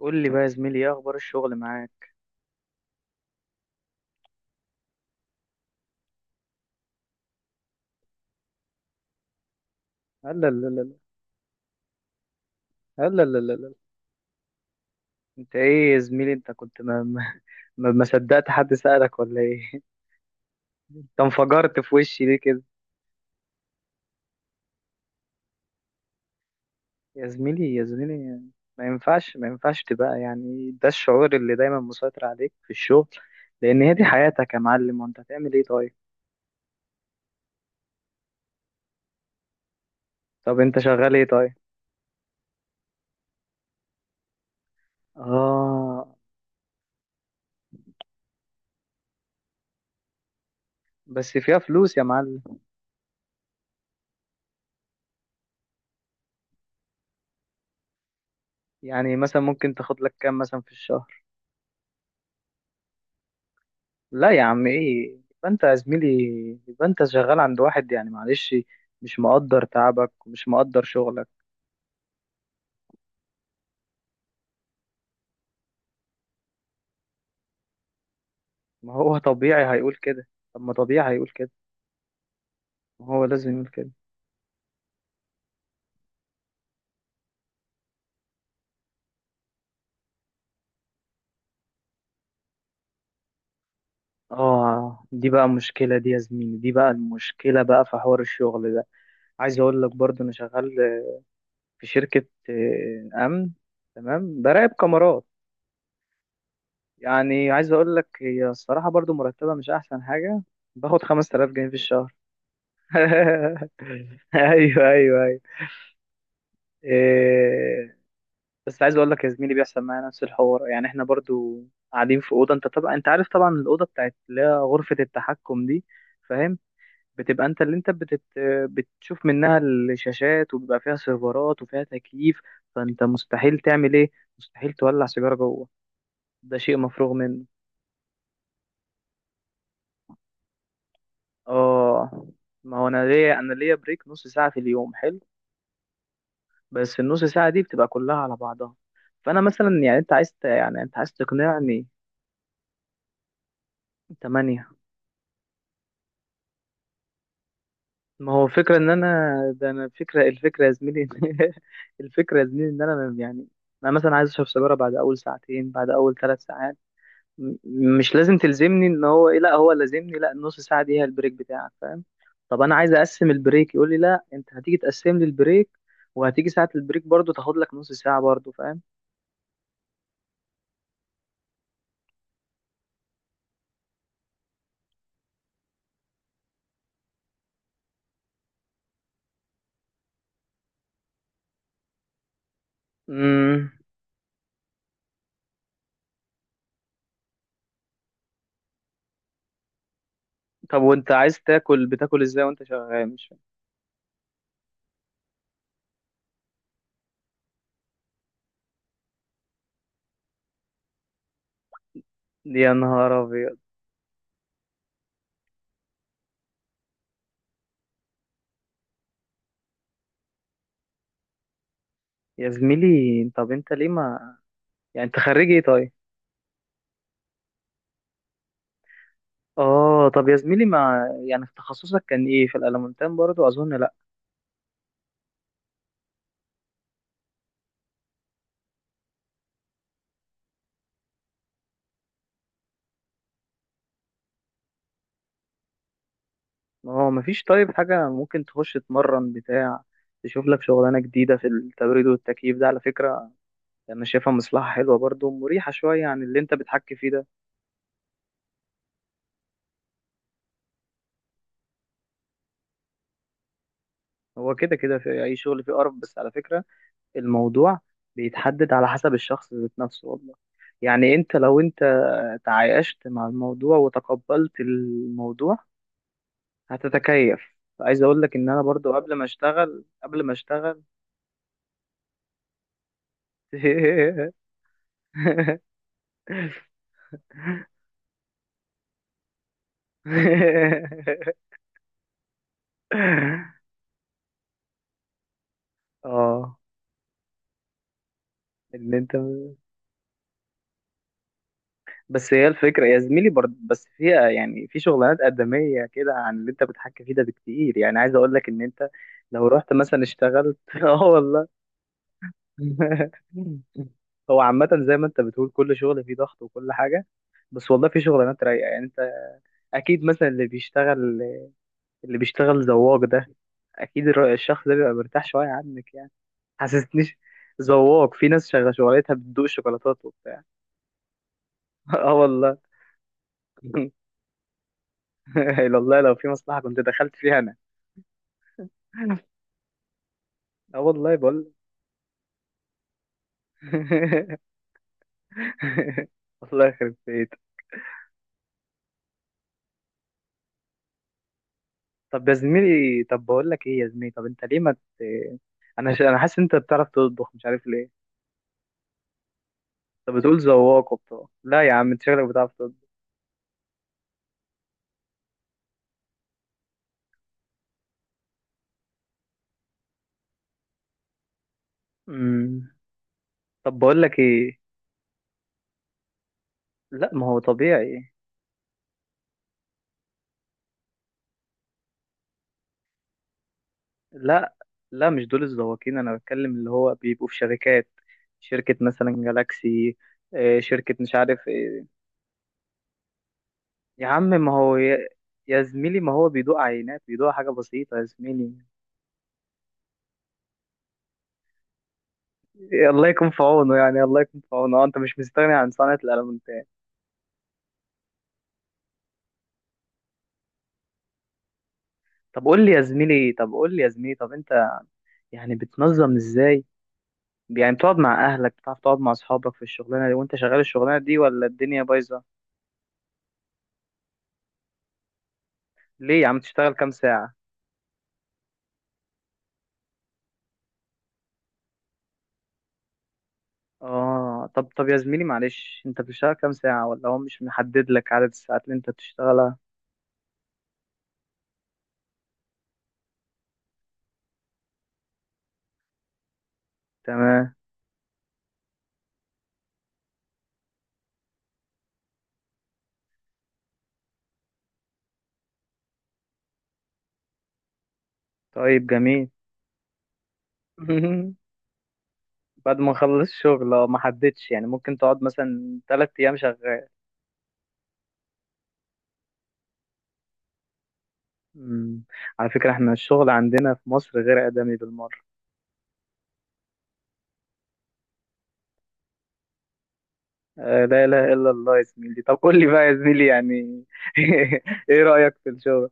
قول لي بقى يا زميلي، ايه اخبار الشغل معاك؟ لا لا لا لا. لا لا لا لا. انت ايه يا زميلي؟ انت كنت ما صدقت حد سألك ولا ايه؟ انت انفجرت في وشي ليه كده؟ يا زميلي يا زميلي، ما ينفعش تبقى يعني ده الشعور اللي دايما مسيطر عليك في الشغل، لان هي دي حياتك يا معلم. وانت هتعمل ايه طيب؟ طب انت شغال ايه طيب؟ اه، بس فيها فلوس يا معلم. يعني مثلا ممكن تاخد لك كام مثلا في الشهر؟ لا يا عم، ايه؟ يبقى انت يا زميلي يبقى انت شغال عند واحد، يعني معلش، مش مقدر تعبك ومش مقدر شغلك. ما هو طبيعي هيقول كده. طب ما طبيعي هيقول كده. ما هو لازم يقول كده. اه، دي بقى مشكلة، دي يا زميلي دي بقى المشكلة بقى في حوار الشغل ده. عايز اقول لك برضو انا شغال في شركة امن، تمام، براقب كاميرات. يعني عايز اقول لك هي الصراحة برضو مرتبة مش احسن حاجة. باخد 5000 جنيه في الشهر. ايوه ايوه. إيه، بس عايز اقول لك يا زميلي بيحصل معايا نفس الحوار، يعني احنا برضو قاعدين في اوضه. انت طبعا انت عارف طبعا الاوضه بتاعت اللي هي غرفه التحكم دي، فاهم؟ بتبقى انت اللي بتشوف منها الشاشات، وبيبقى فيها سيرفرات وفيها تكييف. فانت مستحيل تعمل ايه؟ مستحيل تولع سيجاره جوه، ده شيء مفروغ منه. اه، ما هو انا ليا، انا ليا بريك نص ساعه في اليوم، حلو. بس النص ساعه دي بتبقى كلها على بعضها. فانا مثلا، يعني انت عايز يعني انت عايز تقنعني؟ 8. ما هو فكرة ان انا، ده انا فكرة الفكرة يا زميلي. الفكرة يا زميلي ان انا يعني، انا مثلا عايز اشرب سيجارة بعد اول ساعتين، بعد اول ثلاث ساعات. مش لازم تلزمني ان هو ايه، لا هو لازمني، لا النص ساعة دي هي البريك بتاعك، فاهم؟ طب انا عايز اقسم البريك، يقول لي لا انت هتيجي تقسم لي البريك، وهتيجي ساعة البريك برضو تاخد لك نص ساعة برضو، فاهم؟ امم. طب وانت عايز تاكل بتاكل ازاي وانت شغال؟ مش فاهم. يا نهار ابيض. يا زميلي، طب انت ليه ما، يعني انت خريج ايه طيب؟ اه، طب يا زميلي، ما يعني في تخصصك كان ايه؟ في الالمونتان برضو اظن؟ لا، ما هو مفيش طيب حاجة ممكن تخش تتمرن بتاع، تشوف لك شغلانة جديدة في التبريد والتكييف ده. على فكرة انا شايفها مصلحة حلوة برضو، مريحة شوية عن اللي انت بتحكي فيه ده. هو كده كده في اي شغل فيه قرف، بس على فكرة الموضوع بيتحدد على حسب الشخص ذات نفسه، والله. يعني انت لو انت تعايشت مع الموضوع وتقبلت الموضوع، هتتكيف. عايز اقول لك ان انا برضو، قبل ما اشتغل. اه، ان انت، بس هي الفكره يا زميلي برضه، بس فيها يعني في شغلانات ادميه كده عن اللي انت بتحكي فيه ده بكتير. يعني عايز اقول لك ان انت لو رحت مثلا اشتغلت. اه والله. هو عامه زي ما انت بتقول كل شغل فيه ضغط وكل حاجه، بس والله في شغلانات رايقه. يعني انت اكيد مثلا اللي بيشتغل زواج ده، اكيد الشخص ده بيبقى مرتاح شويه عنك، يعني. حسستنيش ذواق. في ناس شغاله شغلتها بتدوق شوكولاتات وبتاع. اه والله. إلا والله، لو في مصلحه كنت دخلت فيها انا. اه والله بقول. والله يخرب بيت. طب يا زميلي، طب بقول لك ايه يا زميلي، طب انت ليه ما، انا حاسس انت بتعرف تطبخ، مش عارف ليه. طب بتقول ذواق وبتاع، لا يا عم انت شكلك بتعرف تطبخ. أمم. طب بقول لك ايه. لا، ما هو طبيعي. لا لا، مش دول الزواقين، انا بتكلم اللي هو بيبقوا في شركات. شركة مثلا جالاكسي، شركة مش عارف ايه. يا عم ما هو يا زميلي ما هو بيدوق عينات، بيدوق حاجة بسيطة يا زميلي. الله يكون في عونه، يعني الله يكون في عونه. انت مش مستغني عن صنعة الألمنتات؟ طب قول لي يا زميلي، طب قول لي يا زميلي، طب انت يعني بتنظم ازاي؟ يعني بتقعد مع اهلك؟ بتعرف تقعد مع اصحابك في الشغلانة دي وانت شغال الشغلانة دي، ولا الدنيا بايظة؟ ليه يا عم؟ تشتغل كام ساعة؟ اه، طب طب يا زميلي معلش، انت بتشتغل كام ساعة؟ ولا هو مش محدد لك عدد الساعات اللي انت بتشتغلها؟ تمام. طيب جميل. بعد ما اخلص الشغل؟ اه، ما حددش؟ يعني ممكن تقعد مثلا تلات ايام شغال؟ مم. على فكرة احنا الشغل عندنا في مصر غير آدمي بالمرة. آه لا اله الا الله. يا زميلي، طب قول لي بقى يا زميلي يعني، ايه رأيك في الشغل؟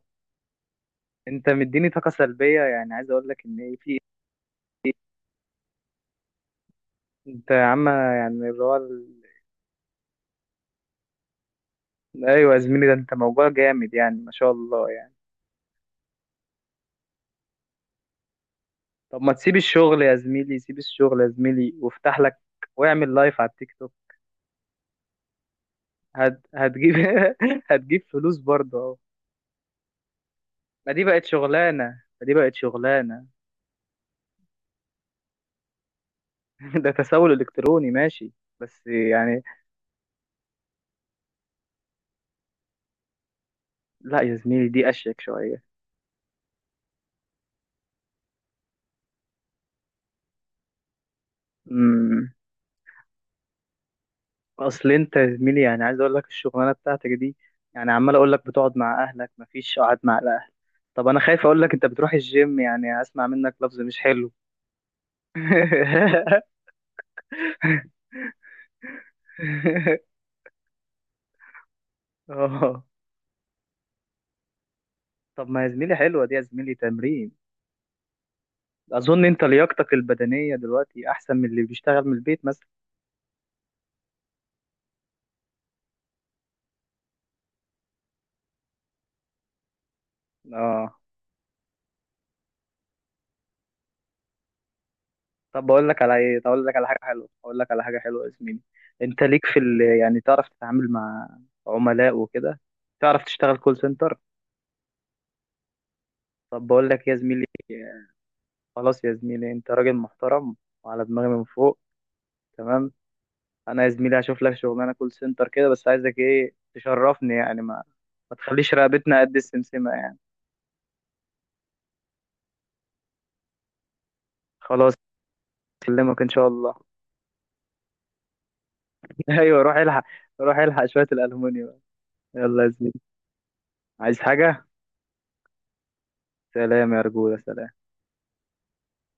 انت مديني طاقة سلبية، يعني عايز اقول لك ان ايه في، انت يا عم، يعني اللي هو، ايوه يا زميلي، ده انت موضوع جامد يعني، ما شاء الله يعني. طب ما تسيب الشغل يا زميلي، سيب الشغل يا زميلي وافتح لك، واعمل لايف على التيك توك. هتجيب، هتجيب فلوس برضه اهو. ما دي بقت شغلانه، ما دي بقت شغلانه. ده تسول الكتروني، ماشي. بس يعني، لا يا زميلي دي اشيك شويه. امم. اصل انت يا زميلي، يعني عايز اقول لك الشغلانه بتاعتك دي، يعني عمال اقول لك بتقعد مع اهلك، مفيش قعد مع الاهل. طب انا خايف اقول لك انت بتروح الجيم، يعني هسمع منك لفظ مش حلو. اه، طب ما يا زميلي حلوة دي، يا زميلي تمرين. أظن أنت لياقتك البدنية دلوقتي أحسن من اللي بيشتغل من البيت مثلا. اه. طب بقول لك على إيه، طب أقول لك على حاجة حلوة، أقول لك على حاجة حلوة يا زميلي. أنت ليك في يعني تعرف تتعامل مع عملاء وكده؟ تعرف تشتغل كول سنتر؟ طب بقول لك يا زميلي، خلاص يا زميلي، أنت راجل محترم وعلى دماغي من فوق، تمام. انا يا زميلي هشوف لك شغلانه كول سنتر كده، بس عايزك ايه تشرفني يعني، ما، ما تخليش رقبتنا قد السمسمه يعني. خلاص، اكلمك ان شاء الله. ايوه روح الحق، روح الحق شويه الالومنيوم. يلا يا زميلي. عايز حاجه؟ سلام يا رجوله، سلام.